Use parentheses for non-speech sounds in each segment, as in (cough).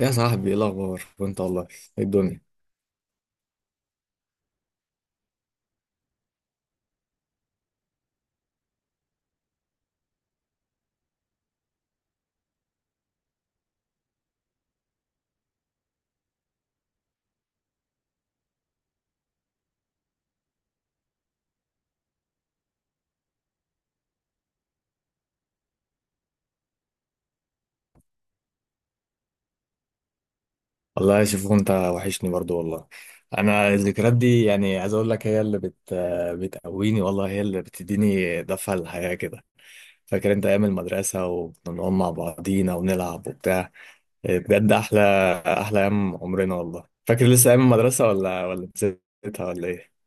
يا صاحبي، ايه الاخبار وانت والله؟ ايه الدنيا؟ والله شوف، انت وحشني برضو والله. انا الذكريات دي يعني عايز اقول لك هي اللي بتقويني والله، هي اللي بتديني دفعه للحياه كده. فاكر انت ايام المدرسه وكنا بنقعد مع بعضينا ونلعب وبتاع؟ إيه، بجد احلى ايام عمرنا والله. فاكر لسه ايام المدرسه ولا نسيتها ولا ايه؟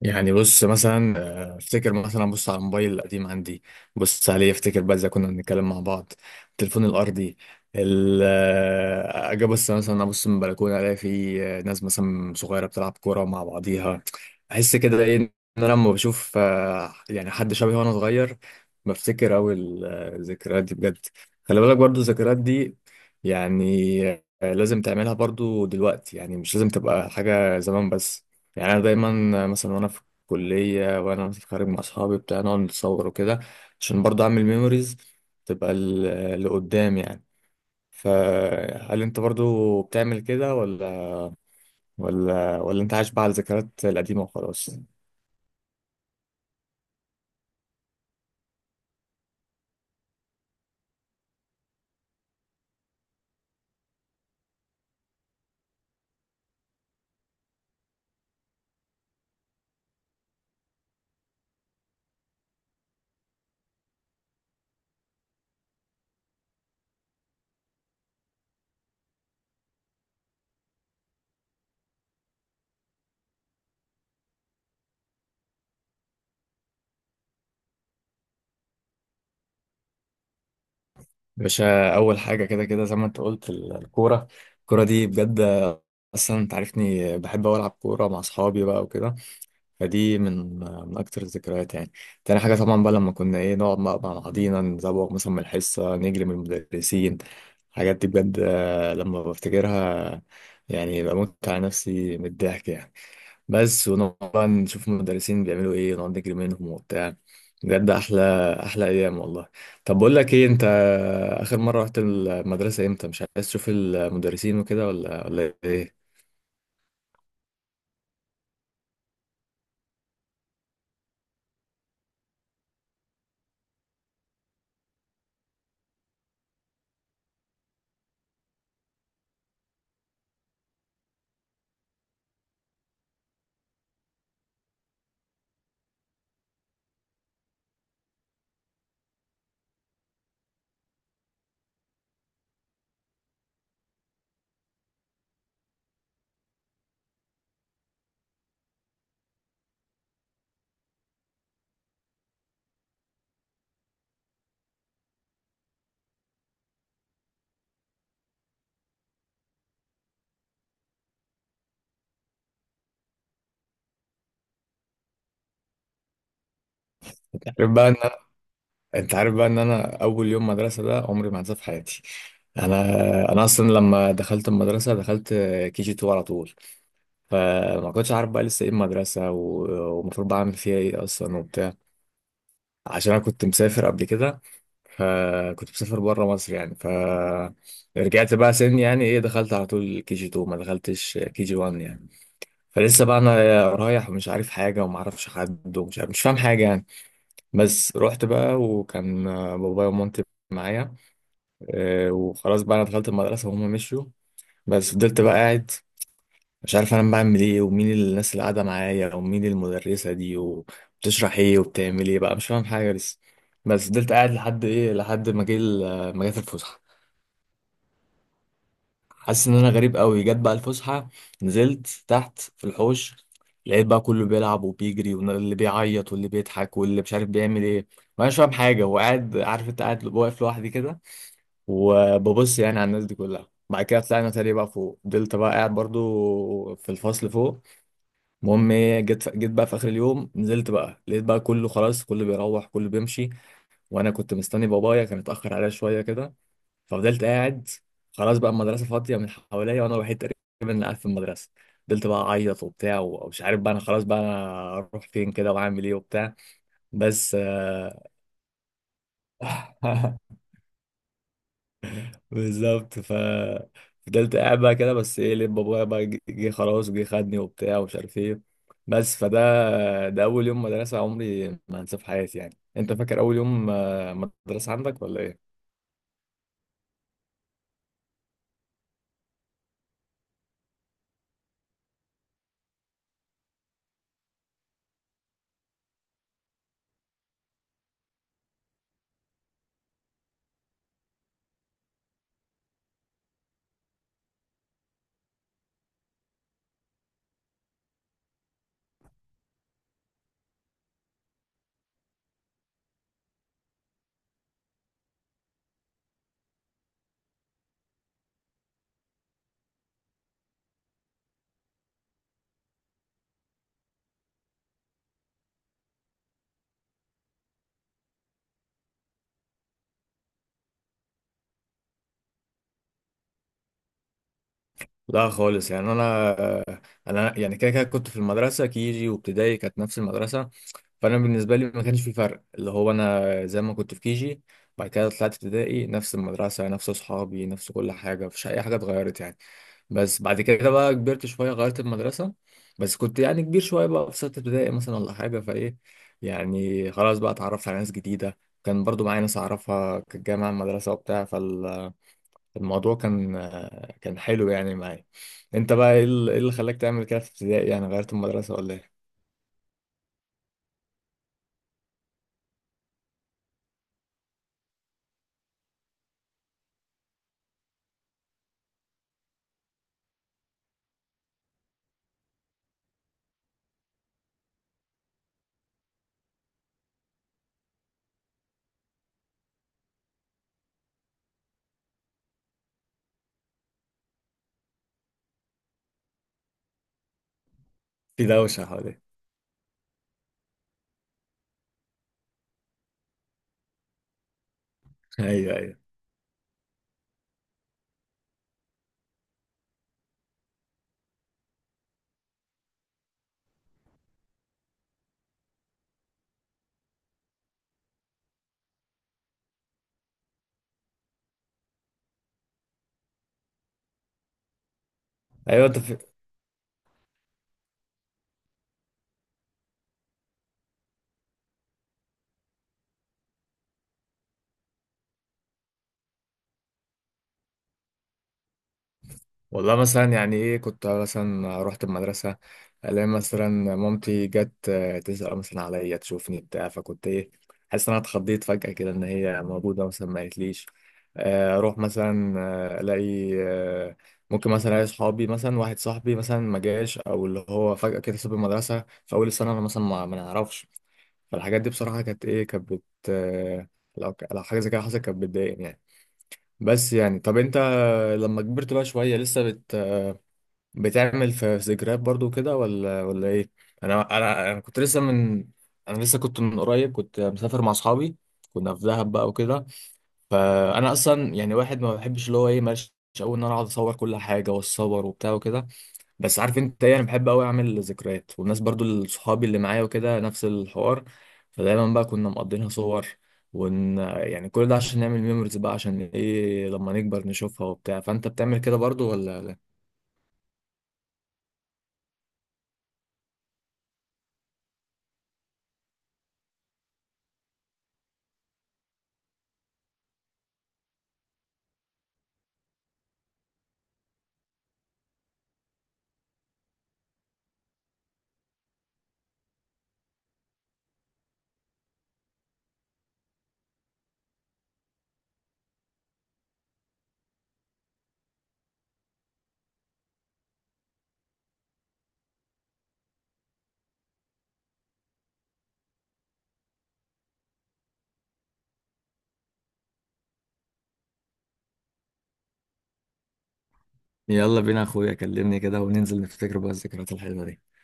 يعني بص مثلا، افتكر مثلا، بص على الموبايل القديم عندي، بص عليه افتكر بقى ازاي كنا بنتكلم مع بعض. التليفون الارضي. اجي بص مثلا، ابص من البلكونه الاقي في ناس مثلا صغيره بتلعب كوره مع بعضيها. احس كده ايه، ان انا لما بشوف يعني حد شبهي وانا صغير بفتكر اوي الذكريات دي بجد. خلي بالك برضو الذكريات دي يعني، لازم تعملها برضو دلوقتي، يعني مش لازم تبقى حاجه زمان بس. يعني انا دايما مثلا وانا في الكليه، وانا مثلا خارج مع اصحابي بتاع نقعد نتصور وكده، عشان برضه اعمل ميموريز تبقى لقدام يعني. فهل انت برضه بتعمل كده، ولا انت عايش بقى على الذكريات القديمه وخلاص؟ باشا، اول حاجه كده كده زي ما انت قلت الكوره. الكوره دي بجد، اصلا انت عارفني بحب أوي العب كوره مع اصحابي بقى وكده، فدي من من اكتر الذكريات يعني. تاني حاجه طبعا بقى لما كنا ايه نقعد مع بعضينا، نزوغ مثلا من الحصه، نجري من المدرسين. الحاجات دي بجد، لما بفتكرها يعني بموت على نفسي من الضحك يعني. بس ونقعد بقى نشوف المدرسين بيعملوا ايه، ونقعد نجري منهم وبتاع. بجد احلى ايام والله. طب بقول لك ايه، انت اخر مره رحت المدرسه امتى؟ مش عايز تشوف المدرسين وكده ولا ايه؟ عارف بقى ان، انت عارف بقى ان انا اول يوم مدرسه ده عمري ما هنساه في حياتي. انا انا اصلا لما دخلت المدرسه دخلت كي جي 2 على طول، فما كنتش عارف بقى لسه ايه المدرسه ومفروض بعمل فيها ايه اصلا وبتاع. عشان انا كنت مسافر قبل كده، فكنت مسافر بره مصر يعني. ف رجعت بقى سن يعني ايه، دخلت على طول كي جي 2، ما دخلتش كي جي 1 يعني. فلسه بقى انا رايح، مش عارف حاجه، وما اعرفش حد، ومش عارف مش فاهم حاجه يعني. بس رحت بقى وكان بابايا ومامتي معايا، وخلاص بقى انا دخلت المدرسه وهم مشيوا. بس فضلت بقى قاعد، مش عارف انا بعمل ايه، ومين الناس اللي قاعده معايا، ومين المدرسه دي، وبتشرح ايه وبتعمل ايه بقى، مش فاهم حاجه لسه. بس فضلت قاعد لحد ايه، لحد ما ما جت الفسحه. حاسس ان انا غريب قوي. جت بقى الفسحه، نزلت تحت في الحوش، لقيت بقى كله بيلعب وبيجري، واللي بيعيط، واللي بيضحك، واللي مش عارف بيعمل ايه. ما انا مش فاهم حاجه، وقاعد، عارف انت، قاعد واقف لوحدي كده، وببص يعني على الناس دي كلها. بعد كده طلعنا تاني بقى فوق، فضلت بقى قاعد برضو في الفصل فوق. المهم ايه، جيت بقى في اخر اليوم، نزلت بقى لقيت بقى كله خلاص، كله بيروح، كله بيمشي، وانا كنت مستني بابايا كان اتاخر عليا شويه كده. ففضلت قاعد. خلاص بقى المدرسه فاضيه من حواليا، وانا الوحيد تقريبا اللي قاعد في المدرسه. فضلت بقى اعيط وبتاع، ومش عارف بقى انا خلاص بقى انا اروح فين كده واعمل ايه وبتاع. بس (laughs) بالظبط. ف فضلت قاعد بقى كده، بس ايه لب بابايا بقى جه، خلاص وجه خدني وبتاع، ومش عارف ايه. بس فده، ده اول يوم مدرسة عمري ما هنساه في حياتي يعني. انت فاكر اول يوم مدرسة عندك ولا ايه؟ لا خالص، يعني انا يعني كده كده كنت في المدرسه، كيجي وابتدائي كانت نفس المدرسه، فانا بالنسبه لي ما كانش في فرق، اللي هو انا زي ما كنت في كيجي. بعد كده طلعت ابتدائي، نفس المدرسه، نفس اصحابي، نفس كل حاجه، مفيش اي حاجه اتغيرت يعني. بس بعد كده بقى كبرت شويه، غيرت المدرسه. بس كنت يعني كبير شويه بقى في سته ابتدائي مثلا، ولا حاجه فايه، يعني خلاص بقى اتعرفت على ناس جديده. كان برضو معايا ناس اعرفها كانت جايه معايا المدرسه وبتاع. فالموضوع كان كان حلو يعني معايا. انت بقى ايه اللي إيه اللي خلاك تعمل كده في ابتدائي، يعني غيرت المدرسه ولا ايه؟ في دوشه حواليك. (laughs) ايوه، ايوه، ايوه. انت في... والله مثلا يعني ايه، كنت مثلا رحت المدرسه الاقي مثلا مامتي جت، تسال مثلا عليا تشوفني بتاع فكنت ايه حاسس ان انا اتخضيت فجاه كده ان هي موجوده مثلا، ما قالتليش. اروح مثلا، آه، الاقي آه، ممكن مثلا الاقي صحابي، مثلا واحد صاحبي مثلا ما جاش، او اللي هو فجاه كده ساب المدرسه في اول السنه، انا مثلا ما ما نعرفش. فالحاجات دي بصراحه كانت ايه، كانت بت آه، لو حاجه زي كده حصلت كانت بتضايقني يعني. بس يعني طب انت لما كبرت بقى شوية لسه، بتعمل في ذكريات برضو كده ولا ايه؟ انا كنت لسه من، انا لسه كنت من قريب كنت مسافر مع اصحابي، كنا في دهب بقى وكده. فانا اصلا يعني واحد ما بحبش اللي هو ايه، ماشي قوي ان انا اقعد اصور كل حاجه واتصور وبتاع وكده. بس عارف انت ايه، انا بحب قوي اعمل ذكريات، والناس برضو صحابي اللي معايا وكده نفس الحوار. فدايما بقى كنا مقضينها صور ون يعني، كل ده عشان نعمل ميموريز بقى، عشان ايه لما نكبر نشوفها وبتاع. فانت بتعمل كده برضو ولا؟ يلا بينا يا اخويا، كلمني كده وننزل نفتكر بقى الذكريات الحلوة دي.